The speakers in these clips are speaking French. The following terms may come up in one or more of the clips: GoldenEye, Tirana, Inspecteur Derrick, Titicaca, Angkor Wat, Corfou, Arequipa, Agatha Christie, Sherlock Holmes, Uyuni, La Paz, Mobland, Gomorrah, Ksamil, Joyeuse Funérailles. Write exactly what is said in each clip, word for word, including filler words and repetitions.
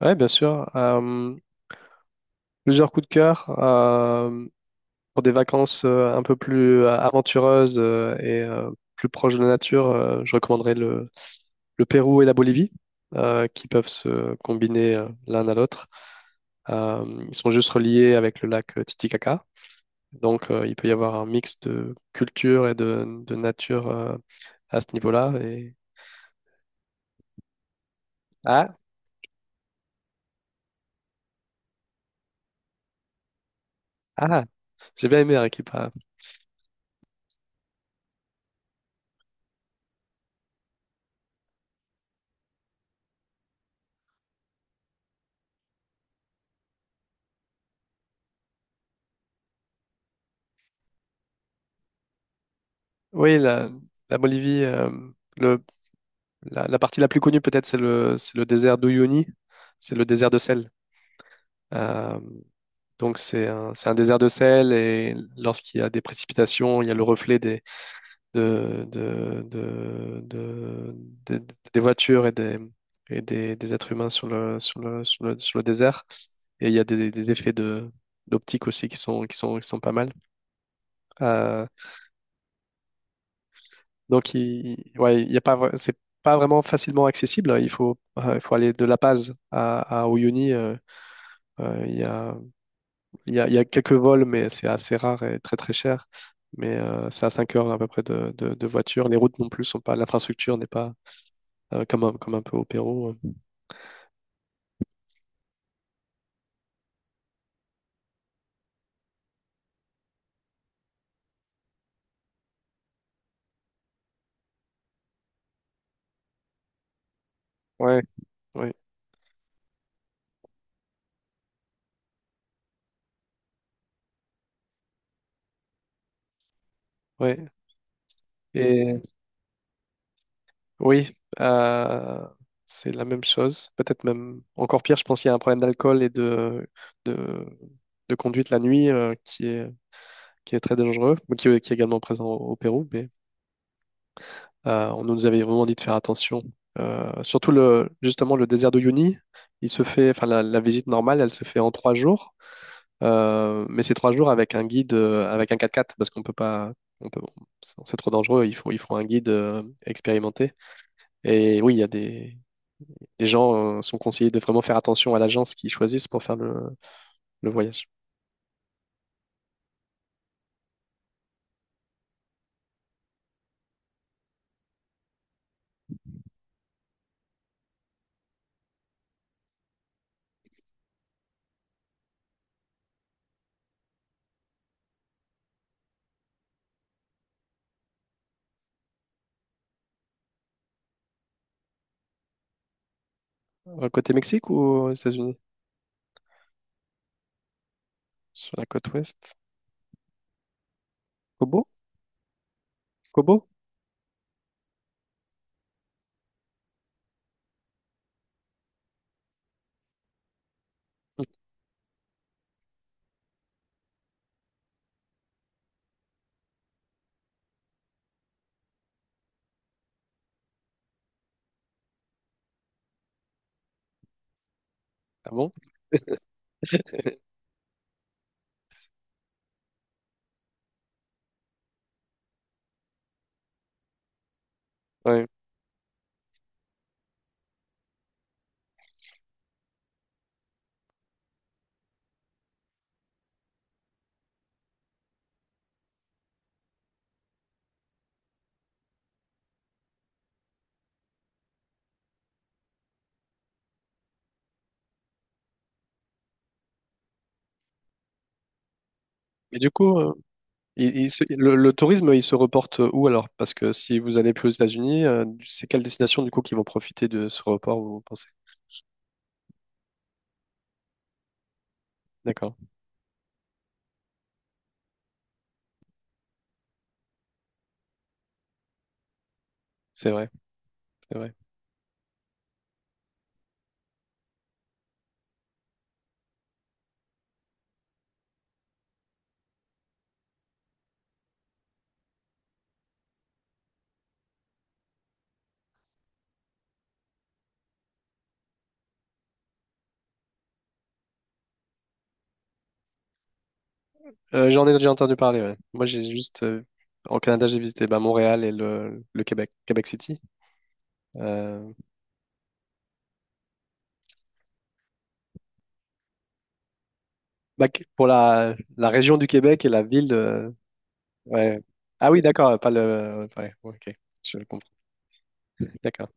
Ouais, bien sûr. Euh, plusieurs coups de cœur euh, pour des vacances euh, un peu plus euh, aventureuses euh, et euh, plus proches de la nature. Euh, je recommanderais le, le Pérou et la Bolivie, euh, qui peuvent se combiner euh, l'un à l'autre. Euh, Ils sont juste reliés avec le lac euh, Titicaca, donc euh, il peut y avoir un mix de culture et de, de nature euh, à ce niveau-là. Et... Ah, ah, j'ai bien aimé Arequipa. Oui, la, la Bolivie. euh, le La, la partie la plus connue peut-être, c'est le, c'est le désert d'Uyuni, c'est le désert de sel. Euh, donc c'est un, c'est un désert de sel et lorsqu'il y a des précipitations, il y a le reflet des, de, de- de- de- de- des voitures et des, et des, des êtres humains sur le, sur le, sur le, sur le désert. Et il y a des, des effets de, d'optique aussi qui sont, qui sont, qui sont pas mal. Euh, donc il, ouais, il y a pas, vra- c'est pas vraiment facilement accessible. Il faut, euh, il faut aller de La Paz à, à Uyuni. euh, Euh, Il y a, il y a, il y a quelques vols, mais c'est assez rare et très très cher. Mais euh, c'est à cinq heures à peu près de, de, de voiture. Les routes non plus sont pas, l'infrastructure n'est pas euh, comme un, comme un peu au Pérou. Ouais, ouais, ouais. Et oui, euh, c'est la même chose. Peut-être même encore pire, je pense qu'il y a un problème d'alcool et de, de, de conduite la nuit euh, qui est, qui est très dangereux, mais qui, est qui est également présent au, au Pérou. Mais Euh, on nous avait vraiment dit de faire attention. Euh, surtout le, justement le désert de Uyuni, il se fait, enfin la, la visite normale, elle se fait en trois jours. Euh, mais c'est trois jours avec un guide, euh, avec un quatre-quatre parce qu'on peut pas, on peut, c'est trop dangereux. Il faut, il faut un guide euh, expérimenté. Et oui, il y a des, les gens euh, sont conseillés de vraiment faire attention à l'agence qu'ils choisissent pour faire le, le voyage. Euh, Côté Mexique ou aux États-Unis? Sur la côte ouest? Cobo? Cobo? Ah bon? Ouais. Et du coup. euh, Il- il se- le, le tourisme, il se reporte où alors? Parce que si vous allez plus aux États-Unis, euh, c'est quelle destination du coup qui vont profiter de ce report, vous pensez? D'accord, c'est vrai, c'est vrai. Euh, j'en ai déjà entendu parler, ouais. Moi, j'ai juste, euh, au Canada, j'ai visité bah, Montréal et le, le Québec, Québec City. Euh, bah, qu- pour la, la région du Québec et la ville, euh, ouais. Ah oui, d'accord, pas le, ouais, ok, je comprends. D'accord,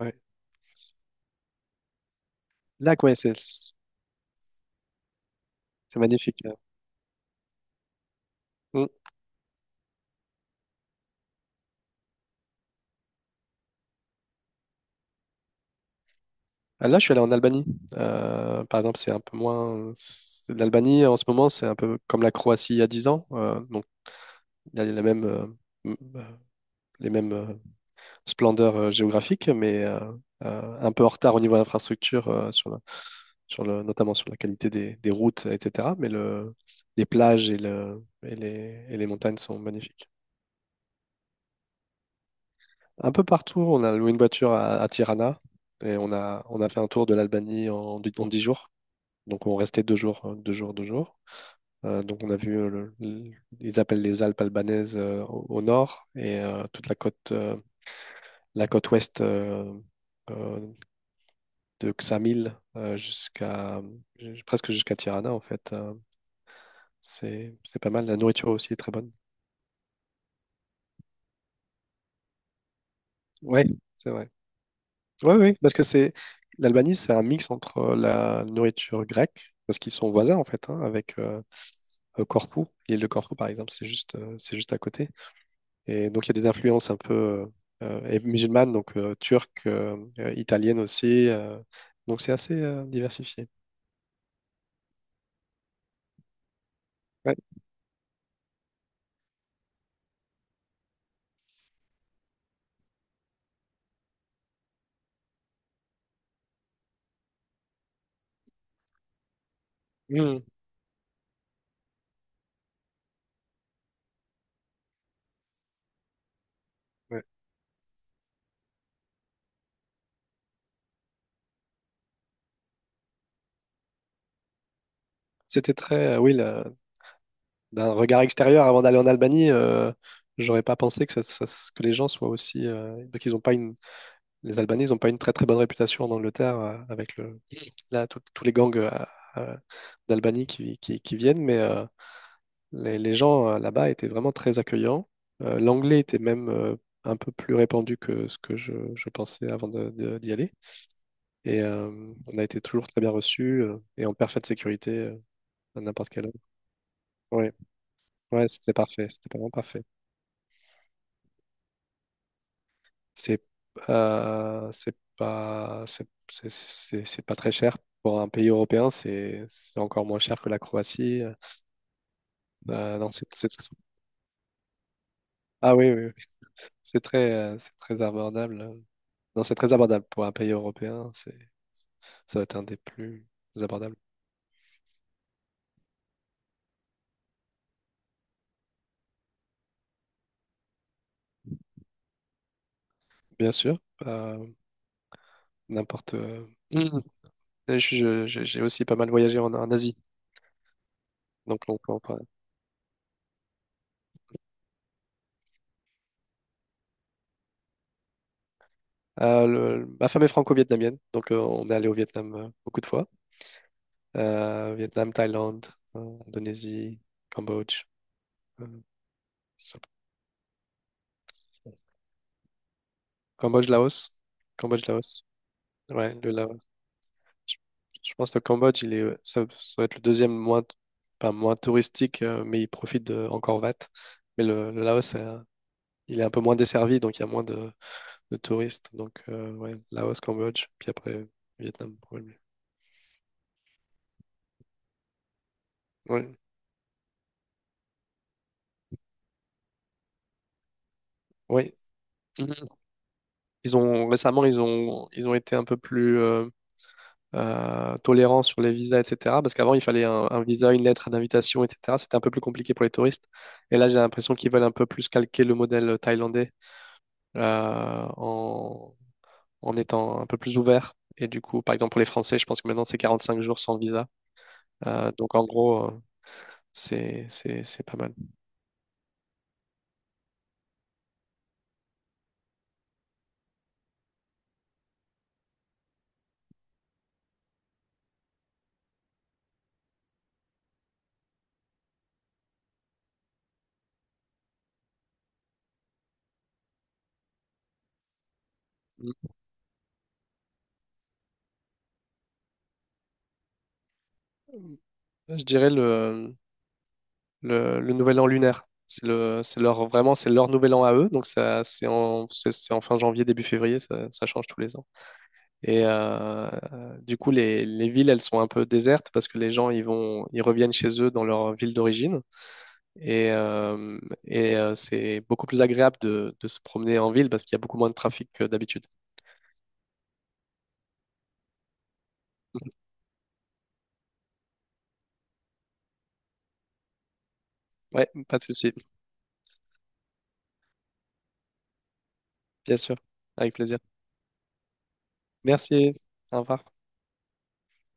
ouais. Lac, ouais, c'est c'est magnifique. Là. Hmm. Ah, là, je suis allé en Albanie. Euh, par exemple, c'est un peu moins. C'est- L'Albanie, en ce moment, c'est un peu comme la Croatie il y a dix ans. Euh, donc, il y a les mêmes, euh, m- euh, les mêmes euh, splendeurs euh, géographiques, mais euh, euh, un peu en retard au niveau infrastructure, euh, sur la- sur le, notamment sur la qualité des, des routes, et cetera. Mais le, les plages et, le, et, les, et les montagnes sont magnifiques. Un peu partout, on a loué une voiture à, à Tirana et on a, on a fait un tour de l'Albanie en, en dix jours. Donc, on restait deux jours, euh, deux jours, deux jours. Euh, donc on a vu, euh, le- le- ils appellent les Alpes albanaises euh, au, au nord et euh, toute la côte, euh, la côte ouest euh, euh, de Ksamil euh, jusqu'à ju- presque jusqu'à Tirana en fait. Euh, c'est c'est pas mal. La nourriture aussi est très bonne. Ouais, c'est vrai. Ouais, oui, parce que c'est l'Albanie, c'est un mix entre euh, la nourriture grecque parce qu'ils sont voisins en fait hein, avec euh, euh, Corfou, l'île de Corfou par exemple, c'est juste euh, c'est juste à côté. Et donc, il y a des influences un peu euh, musulmanes, donc euh, turques, euh, euh, italiennes aussi. Euh, donc, c'est assez euh, diversifié. Ouais. Mmh. Ouais. C'était très, euh, oui, la- d'un regard extérieur avant d'aller en Albanie, euh, j'aurais pas pensé que, ça- ça- que les gens soient aussi. Euh, parce qu'ils ont pas une, les Albanais, ils n'ont pas une très très bonne réputation en Angleterre euh, avec le, là, tout- tous les gangs euh, euh, d'Albanie qui, qui, qui viennent, mais. Euh, Les, les gens euh, là-bas étaient vraiment très accueillants. Euh, l'anglais était même euh, un peu plus répandu que ce que je, je pensais avant de- de- d'y aller. Et euh, on a été toujours très bien reçus euh, et en parfaite sécurité euh, à n'importe quelle heure. Ouais, ouais, c'était parfait. C'était vraiment parfait. C'est euh, c'est pas c'est c'est- c'est- C'est pas très cher. Pour un pays européen, c'est c'est encore moins cher que la Croatie. Euh, non, c'est, c'est- Ah oui, oui, oui. C'est très, euh, c'est très abordable. Non, c'est très abordable pour un pays européen. C'est Ça va être un des plus abordables. Bien sûr, euh, n'importe. euh, Mhm. je- je- J'ai aussi pas mal voyagé en, en Asie, donc on peut en parler. Euh, le- ma femme est franco-vietnamienne, donc euh, on est allé au Vietnam euh, beaucoup de fois. Euh, Vietnam, Thaïlande, euh, Indonésie, Cambodge, euh, ça- Cambodge, Laos, Cambodge, Laos. Ouais, le Laos. Je, je pense que le Cambodge, il est, euh, ça, ça va être le deuxième moins, enfin, moins touristique, euh, mais il profite de Angkor Wat. Mais le, le Laos, il est un peu moins desservi, donc il y a moins de, de touristes. Donc, euh, ouais, Laos, Cambodge, puis après Vietnam, probablement. Ouais, ouais. Ils ont récemment, ils ont, ils ont été un peu plus euh, euh, tolérants sur les visas, et cetera. Parce qu'avant, il fallait un, un visa, une lettre d'invitation, et cetera. C'était un peu plus compliqué pour les touristes. Et là, j'ai l'impression qu'ils veulent un peu plus calquer le modèle thaïlandais euh, en, en étant un peu plus ouvert. Et du coup, par exemple, pour les Français, je pense que maintenant, c'est quarante-cinq jours sans visa. Euh, donc, en gros, euh, c'est, c'est, c'est pas mal. Je dirais le, le, le nouvel an lunaire. C'est le, c'est leur, vraiment, c'est leur nouvel an à eux. Donc, ça, c'est en, c'est c'est en fin janvier, début février, ça, ça change tous les ans. Et euh, du coup, les, les villes, elles sont un peu désertes parce que les gens, ils vont, ils reviennent chez eux dans leur ville d'origine. Et, euh, et euh, c'est beaucoup plus agréable de, de se promener en ville parce qu'il y a beaucoup moins de trafic que d'habitude. Ouais, pas de souci, bien sûr. Avec plaisir. Merci. Au revoir.